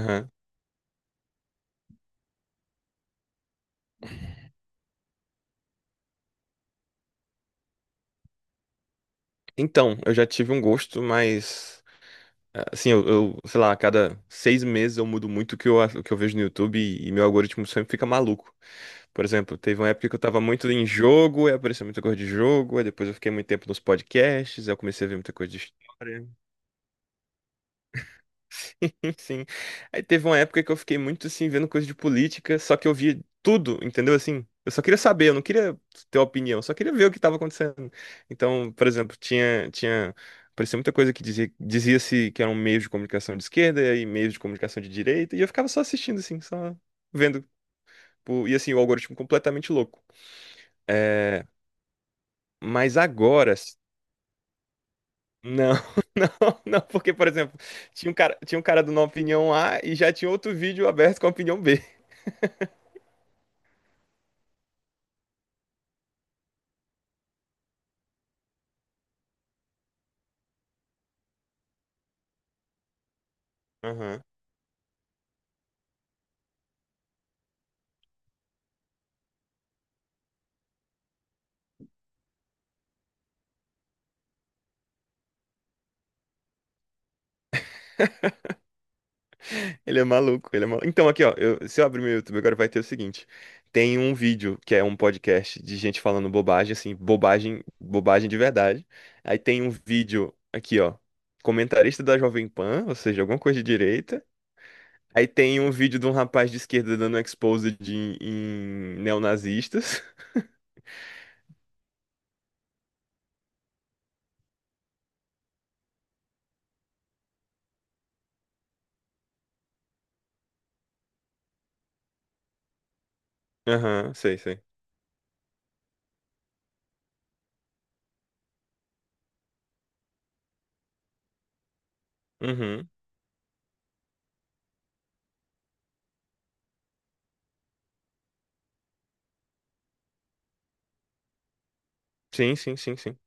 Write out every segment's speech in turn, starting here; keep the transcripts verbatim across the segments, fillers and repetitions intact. Aham. Então, eu já tive um gosto, mas assim, eu, eu, sei lá, a cada seis meses eu mudo muito o que eu, o que eu vejo no YouTube e, e meu algoritmo sempre fica maluco. Por exemplo, teve uma época que eu tava muito em jogo, aí apareceu muita coisa de jogo, aí depois eu fiquei muito tempo nos podcasts, aí eu comecei a ver muita coisa de história. Sim. Aí teve uma época que eu fiquei muito assim, vendo coisa de política, só que eu via tudo, entendeu? Assim, eu só queria saber, eu não queria ter opinião, eu só queria ver o que estava acontecendo. Então, por exemplo, tinha, tinha, aparecia muita coisa que dizia, dizia-se que era um meio de comunicação de esquerda e aí meio de comunicação de direita, e eu ficava só assistindo, assim, só vendo. tipo, E assim, o algoritmo completamente louco. É, mas agora. Não, não, não, porque, por exemplo, tinha um cara, tinha um cara dando uma opinião A e já tinha outro vídeo aberto com a opinião B. Ele é maluco, ele é maluco. Então, aqui, ó, eu- se eu abrir meu YouTube agora, vai ter o seguinte: tem um vídeo que é um podcast de gente falando bobagem, assim, bobagem, bobagem de verdade. Aí tem um vídeo aqui, ó, comentarista da Jovem Pan, ou seja, alguma coisa de direita. Aí tem um vídeo de um rapaz de esquerda dando um expose de, em neonazistas. Aham, sei, sei. Uhum. Sim, sim, sim, sim.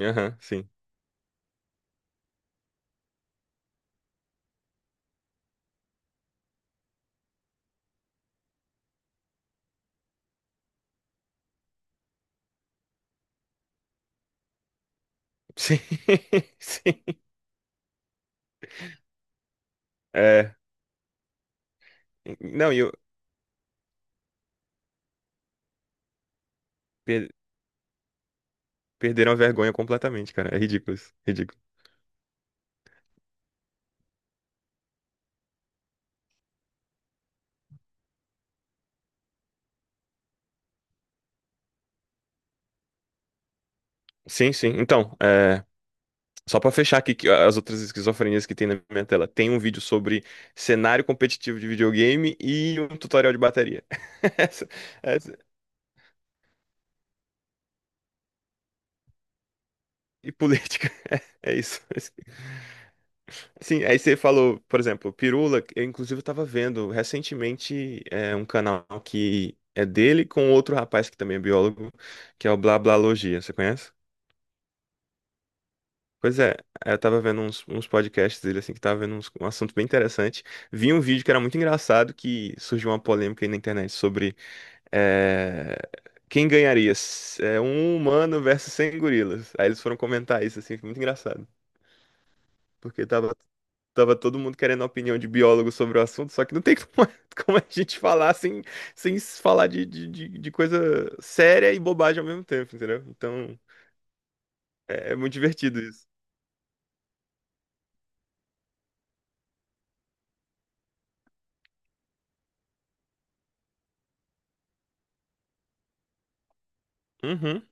Aham, sim. Sim, sim. É. Não, e eu. Perderam a vergonha completamente, cara. É ridículo isso. Ridículo. Sim, sim. Então, é, só pra fechar aqui que as outras esquizofrenias que tem na minha tela, tem um vídeo sobre cenário competitivo de videogame e um tutorial de bateria. Essa- essa- E política. É isso. Sim, aí você falou, por exemplo, Pirula. Eu, inclusive, eu tava vendo recentemente é, um canal que é dele com outro rapaz que também é biólogo, que é o Blá Blá Logia. Você conhece? Pois é, eu tava vendo uns, uns podcasts dele, assim, que tava vendo uns- um assunto bem interessante. Vi um vídeo que era muito engraçado, que surgiu uma polêmica aí na internet sobre eh, quem ganharia, s- eh, um humano versus cem gorilas. Aí eles foram comentar isso, assim, foi muito engraçado. Porque tava, tava todo mundo querendo a opinião de biólogo sobre o assunto, só que não tem como, como a gente falar sem, sem falar de, de, de de coisa séria e bobagem ao mesmo tempo, entendeu? Então, é, é muito divertido isso. Uhum.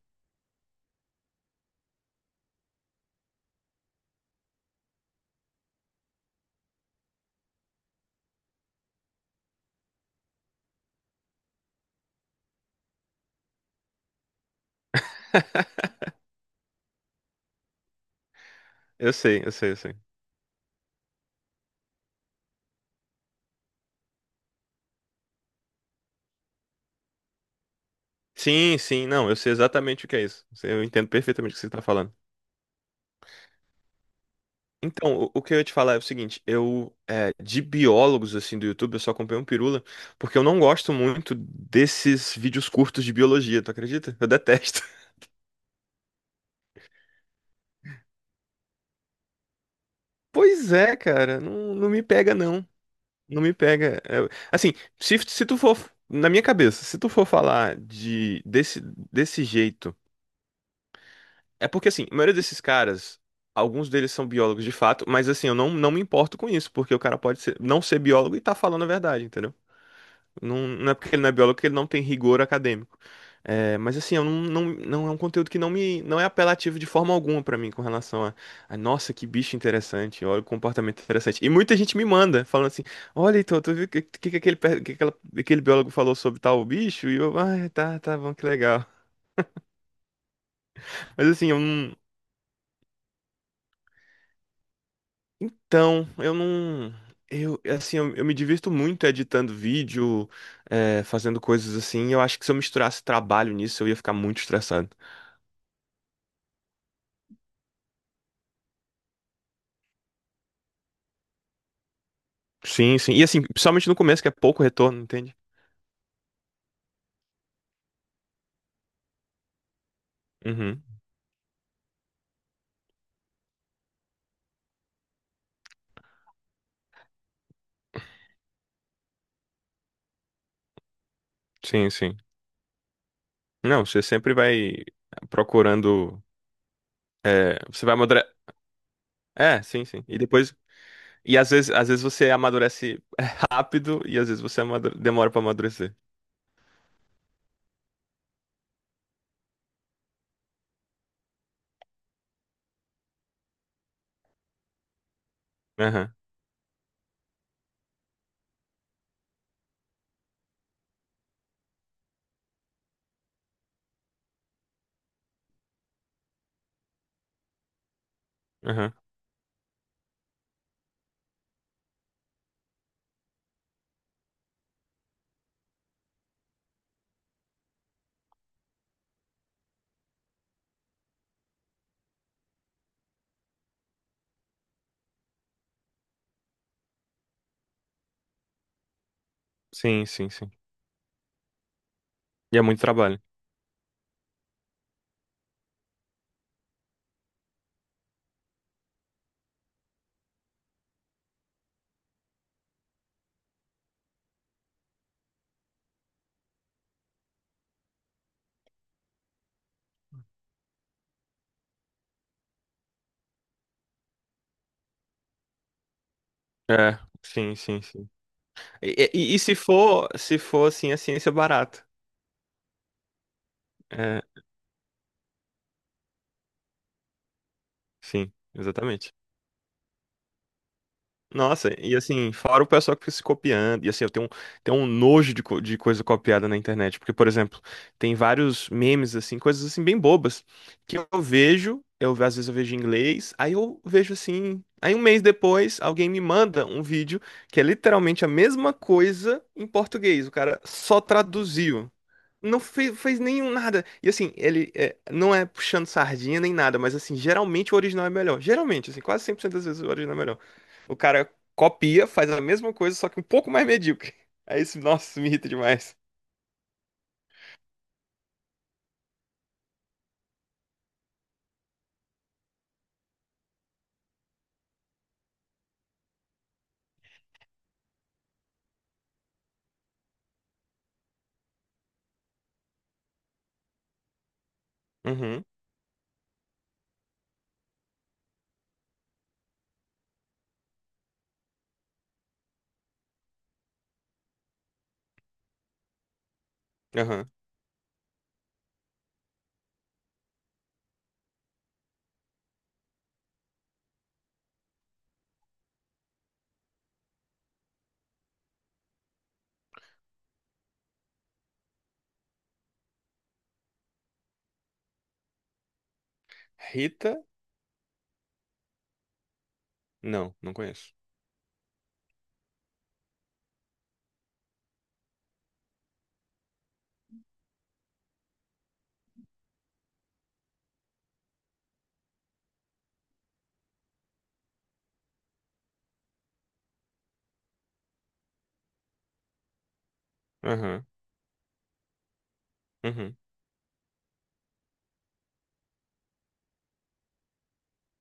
Eu sei, eu sei, eu sei. Sim, sim, não, eu sei exatamente o que é isso. Eu entendo perfeitamente o que você está falando. Então, o, o que eu ia te falar é o seguinte, eu, é, de biólogos, assim, do YouTube, eu só comprei um Pirula, porque eu não gosto muito desses vídeos curtos de biologia, tu acredita? Eu detesto. Pois é, cara, não, não me pega, não. Não me pega. É, assim, se, se tu for, na minha cabeça, se tu for falar de, desse, desse jeito É porque, assim, a maioria desses caras, alguns deles são biólogos de fato, mas, assim, eu não, não me importo com isso, porque o cara pode ser- não ser biólogo e tá falando a verdade, entendeu? Não, não é porque ele não é biólogo que ele não tem rigor acadêmico. É, mas, assim, eu não, não, não é um conteúdo que não me, não é apelativo de forma alguma pra mim com relação a, a, nossa, que bicho interessante, olha o comportamento interessante. E muita gente me manda, falando assim, olha, então, tu viu o que, que, que, aquele, per- que aquela- aquele biólogo falou sobre tal bicho? E eu, ah, tá, tá bom, que legal. Mas assim, eu não, Então, eu não. Eu, assim, eu, eu me divirto muito editando vídeo, é, fazendo coisas assim. Eu acho que se eu misturasse trabalho nisso, eu ia ficar muito estressado. Sim, sim. E assim, principalmente no começo, que é pouco retorno, entende? Uhum. Sim, sim. Não, você sempre vai procurando. é, Você vai amadurecer. É, sim, sim. E depois. E às vezes, às vezes você amadurece é, rápido e às vezes você amadure- demora pra amadurecer. Aham, aham. Sim, sim, sim. E é muito trabalho. É, sim, sim, sim. E, e- e se for, se for assim, a ciência barata. É, sim, exatamente. Nossa, e assim, fora o pessoal que fica se copiando, e assim, eu tenho um, tenho um nojo de, co- de coisa copiada na internet, porque, por exemplo, tem vários memes, assim, coisas assim bem bobas, que eu vejo, eu às vezes eu vejo em inglês, aí eu vejo assim, aí um mês depois alguém me manda um vídeo que é literalmente a mesma coisa em português, o cara só traduziu. Não fez, fez nenhum nada. E assim, ele é, não é puxando sardinha nem nada, mas assim, geralmente o original é melhor. Geralmente, assim, quase cem por cento das vezes o original é melhor. O cara copia, faz a mesma coisa, só que um pouco mais medíocre. Aí isso, nossa, isso me irrita demais. Uhum, aham. Rita? Não, não conheço. Aham, uhum,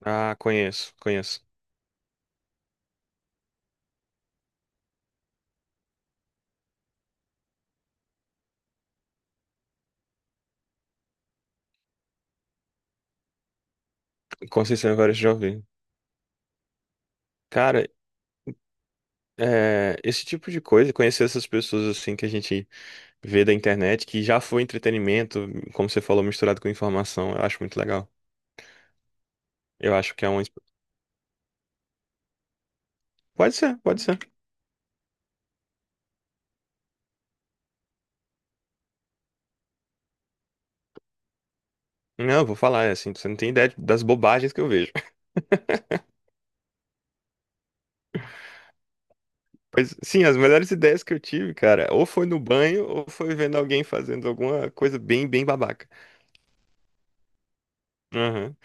Ah, conheço, conheço. Conceição Evaristo já ouvi. Cara, é, esse tipo de coisa, conhecer essas pessoas assim que a gente vê da internet, que já foi entretenimento, como você falou, misturado com informação, eu acho muito legal. Eu acho que é um. Pode ser, pode ser. Não, eu vou falar, é assim, você não tem ideia das bobagens que eu vejo. Mas, sim, as melhores ideias que eu tive, cara, ou foi no banho, ou foi vendo alguém fazendo alguma coisa bem, bem babaca. Aham.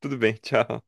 Tudo bem, tchau.